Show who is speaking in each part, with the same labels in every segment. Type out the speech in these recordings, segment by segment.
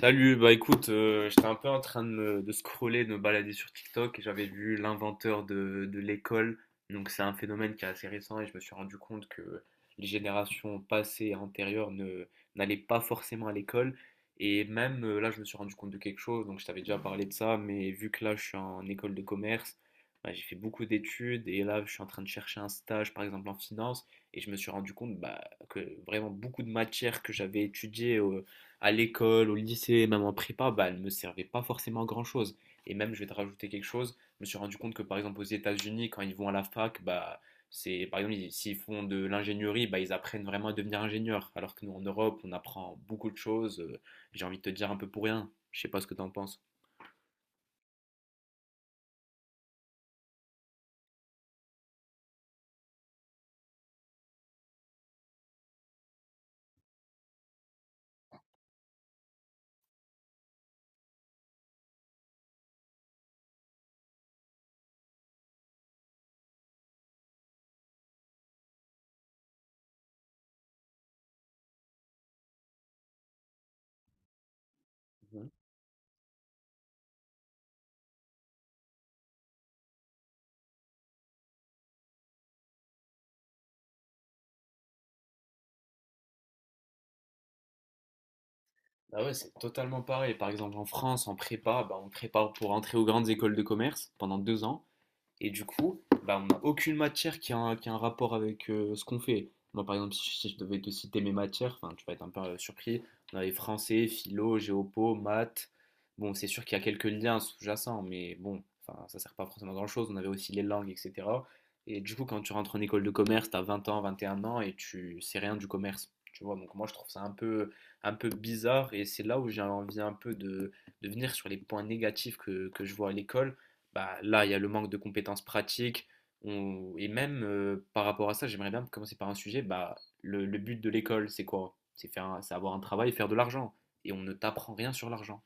Speaker 1: Salut, bah écoute, j'étais un peu en train de scroller, de me balader sur TikTok et j'avais vu l'inventeur de l'école. Donc c'est un phénomène qui est assez récent et je me suis rendu compte que les générations passées et antérieures ne, n'allaient pas forcément à l'école. Et même là, je me suis rendu compte de quelque chose, donc je t'avais déjà parlé de ça, mais vu que là, je suis en école de commerce, bah, j'ai fait beaucoup d'études et là, je suis en train de chercher un stage, par exemple en finance, et je me suis rendu compte bah, que vraiment beaucoup de matières que j'avais étudiées à l'école, au lycée, même en prépa, bah, elle ne me servait pas forcément à grand-chose. Et même, je vais te rajouter quelque chose, je me suis rendu compte que par exemple aux États-Unis, quand ils vont à la fac, bah, c'est, par exemple, s'ils font de l'ingénierie, bah, ils apprennent vraiment à devenir ingénieur. Alors que nous, en Europe, on apprend beaucoup de choses, j'ai envie de te dire un peu pour rien. Je sais pas ce que tu en penses. Mhm. Ah ouais, c'est totalement pareil. Par exemple, en France, en prépa, bah, on prépare pour entrer aux grandes écoles de commerce pendant deux ans. Et du coup, bah, on n'a aucune matière qui a un rapport avec ce qu'on fait. Moi, par exemple, si je devais te citer mes matières, enfin, tu vas être un peu surpris. On avait français, philo, géopo, maths. Bon, c'est sûr qu'il y a quelques liens sous-jacents, mais bon, enfin, ça sert pas forcément à grand-chose. On avait aussi les langues, etc. Et du coup, quand tu rentres en école de commerce, tu as 20 ans, 21 ans et tu sais rien du commerce. Tu vois, donc moi, je trouve ça un peu bizarre et c'est là où j'ai envie un peu de venir sur les points négatifs que je vois à l'école bah, là, il y a le manque de compétences pratiques. Et même par rapport à ça, j'aimerais bien commencer par un sujet. Bah, le but de l'école, c'est quoi? C'est faire, c'est avoir un travail et faire de l'argent. Et on ne t'apprend rien sur l'argent.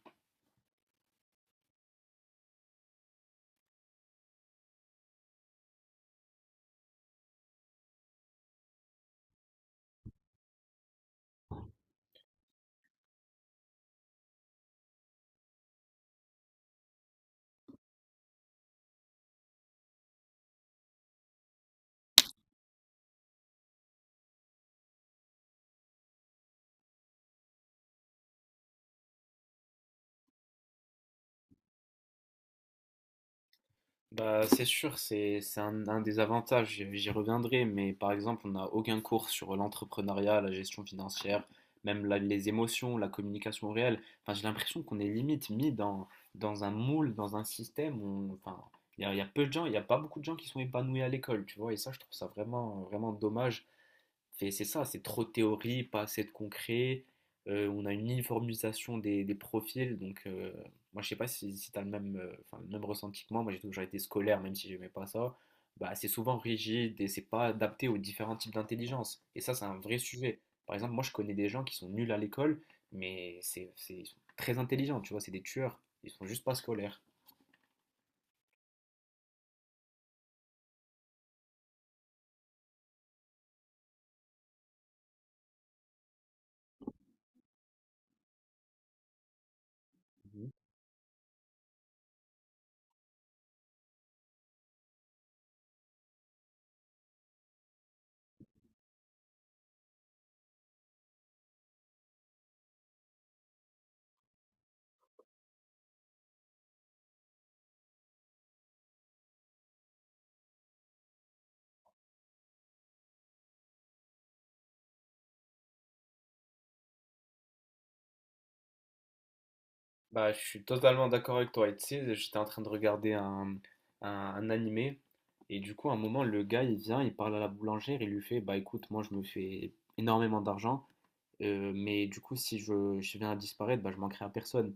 Speaker 1: Bah, c'est sûr, c'est un des avantages, j'y reviendrai, mais par exemple, on n'a aucun cours sur l'entrepreneuriat, la gestion financière, même les émotions, la communication réelle. Enfin, j'ai l'impression qu'on est limite mis dans un moule, dans un système où, enfin, il y a peu de gens, il n'y a pas beaucoup de gens qui sont épanouis à l'école, tu vois, et ça, je trouve ça vraiment, vraiment dommage. Fait, c'est ça, c'est trop de théorie, pas assez de concret. On a une uniformisation des profils, donc moi je sais pas si tu as le même, enfin, le même ressenti que moi. Moi j'ai toujours été scolaire, même si j'aimais pas ça. Bah, c'est souvent rigide et c'est pas adapté aux différents types d'intelligence. Et ça, c'est un vrai sujet. Par exemple, moi je connais des gens qui sont nuls à l'école, mais ils sont très intelligents, tu vois, c'est des tueurs. Ils sont juste pas scolaires. Bah, je suis totalement d'accord avec toi. Et tu sais, j'étais en train de regarder un animé. Et du coup, à un moment, le gars, il vient, il parle à la boulangère, il lui fait, bah écoute, moi, je me fais énormément d'argent. Mais du coup, si je, je viens à disparaître, bah, je manquerai à personne.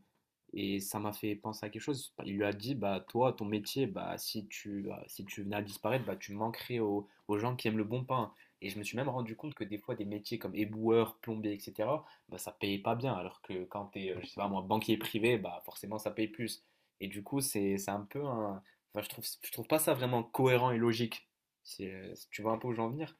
Speaker 1: Et ça m'a fait penser à quelque chose. Il lui a dit, bah toi, ton métier, bah si tu venais à disparaître, bah tu manquerais aux gens qui aiment le bon pain. Et je me suis même rendu compte que des fois, des métiers comme éboueur, plombier, etc., bah ça payait pas bien. Alors que quand t'es, je sais pas moi, banquier privé, bah forcément ça paye plus. Et du coup, c'est un peu un. Enfin, je trouve pas ça vraiment cohérent et logique. Tu vois un peu où j'en venir?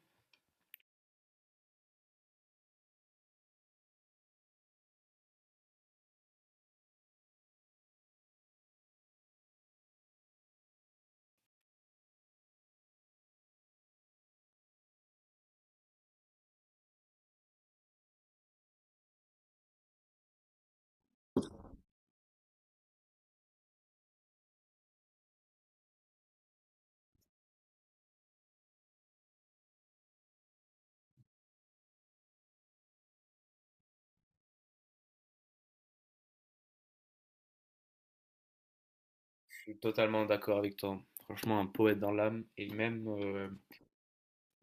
Speaker 1: Je suis totalement d'accord avec toi. Franchement, un poète dans l'âme.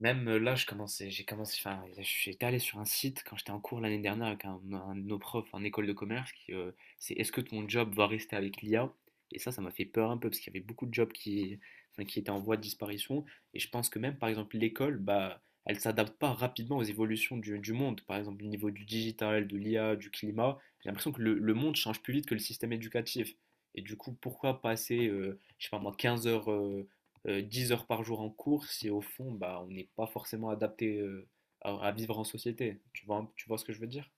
Speaker 1: Même là, j'ai commencé, enfin, j'étais allé sur un site quand j'étais en cours l'année dernière avec un de nos profs en école de commerce qui, c'est est-ce que ton job va rester avec l'IA? Et ça m'a fait peur un peu parce qu'il y avait beaucoup de jobs enfin, qui étaient en voie de disparition. Et je pense que même, par exemple, l'école, bah, elle s'adapte pas rapidement aux évolutions du monde. Par exemple, au niveau du digital, de l'IA, du climat, j'ai l'impression que le monde change plus vite que le système éducatif. Et du coup, pourquoi passer, je sais pas moi, 15 heures, 10 heures par jour en cours, si au fond, bah, on n'est pas forcément adapté à vivre en société. Tu vois ce que je veux dire?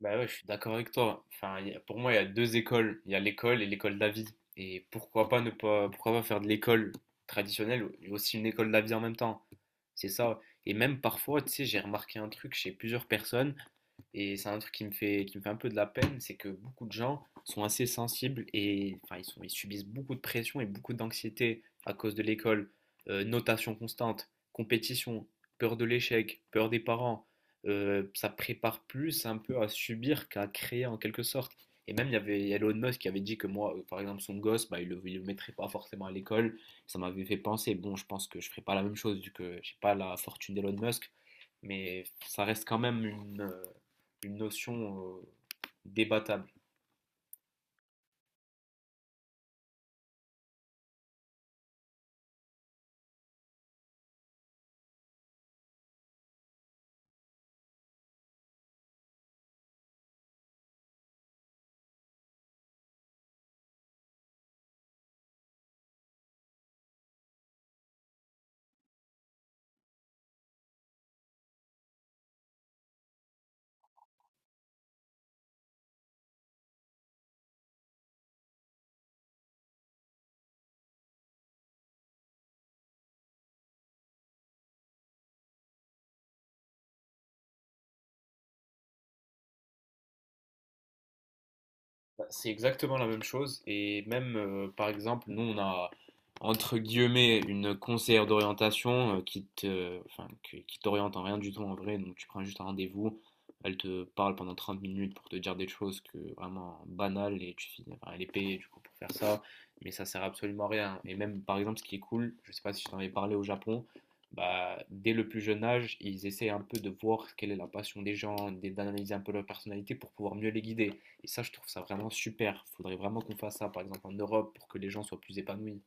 Speaker 1: Bah ouais, je suis d'accord avec toi. Pour moi, il y a deux écoles. Il y a l'école et l'école de la vie. Et pourquoi pas faire de l'école traditionnelle et aussi une école de la vie en même temps. C'est ça. Et même parfois, tu sais, j'ai remarqué un truc chez plusieurs personnes. Et c'est un truc qui me fait un peu de la peine, c'est que beaucoup de gens sont assez sensibles et enfin, ils subissent beaucoup de pression et beaucoup d'anxiété à cause de l'école. Notation constante, compétition, peur de l'échec, peur des parents. Ça prépare plus un peu à subir qu'à créer en quelque sorte. Et même, il y avait Elon Musk qui avait dit que moi, par exemple, son gosse, bah, il ne le, le mettrait pas forcément à l'école. Ça m'avait fait penser, bon, je pense que je ne ferai pas la même chose vu que je n'ai pas la fortune d'Elon Musk. Mais ça reste quand même une notion débattable. Bah, c'est exactement la même chose et même par exemple nous on a entre guillemets une conseillère d'orientation enfin, qui t'oriente en rien du tout en vrai donc tu prends juste un rendez-vous elle te parle pendant 30 minutes pour te dire des choses que vraiment banales et tu finis enfin, elle est payée du coup pour faire ça mais ça sert absolument à rien et même par exemple ce qui est cool je sais pas si je t'en avais parlé au Japon bah, dès le plus jeune âge ils essaient un peu de voir quelle est la passion des gens d'analyser un peu leur personnalité pour pouvoir mieux les guider et ça, je trouve ça vraiment super. Il faudrait vraiment qu'on fasse ça, par exemple, en Europe, pour que les gens soient plus épanouis.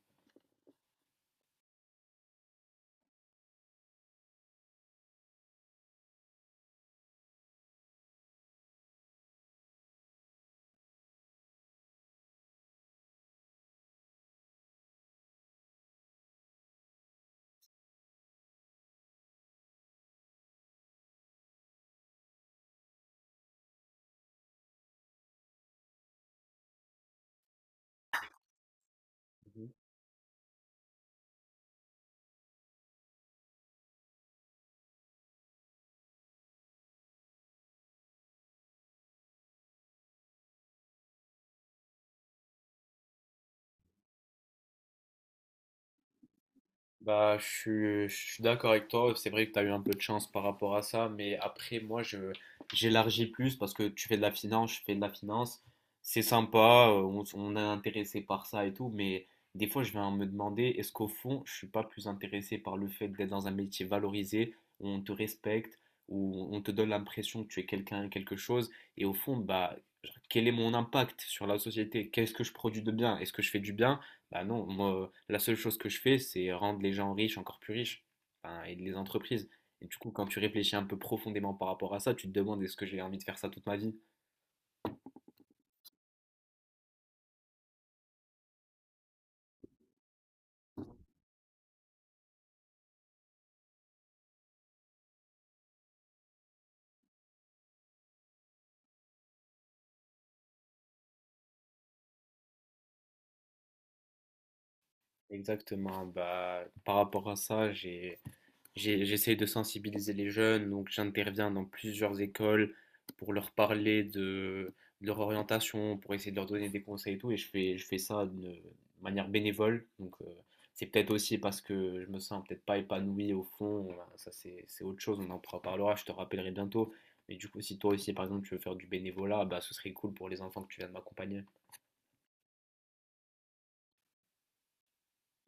Speaker 1: Mhm. Bah, je suis d'accord avec toi. C'est vrai que tu as eu un peu de chance par rapport à ça, mais après, j'élargis plus parce que tu fais de la finance, je fais de la finance. C'est sympa, on est intéressé par ça et tout, mais des fois, je vais me demander, est-ce qu'au fond, je suis pas plus intéressé par le fait d'être dans un métier valorisé, où on te respecte, où on te donne l'impression que tu es quelqu'un et quelque chose, et au fond, bah, genre, quel est mon impact sur la société? Qu'est-ce que je produis de bien? Est-ce que je fais du bien? Bah non, moi, la seule chose que je fais, c'est rendre les gens riches encore plus riches, enfin, et les entreprises. Et du coup, quand tu réfléchis un peu profondément par rapport à ça, tu te demandes est-ce que j'ai envie de faire ça toute ma vie? Exactement, bah par rapport à ça, j'essaie de sensibiliser les jeunes, donc j'interviens dans plusieurs écoles pour leur parler de leur orientation, pour essayer de leur donner des conseils et tout, et je fais ça de manière bénévole. Donc c'est peut-être aussi parce que je me sens peut-être pas épanoui au fond, voilà, ça c'est autre chose, on en parlera, je te rappellerai bientôt. Mais du coup, si toi aussi par exemple tu veux faire du bénévolat, bah ce serait cool pour les enfants que tu viens de m'accompagner.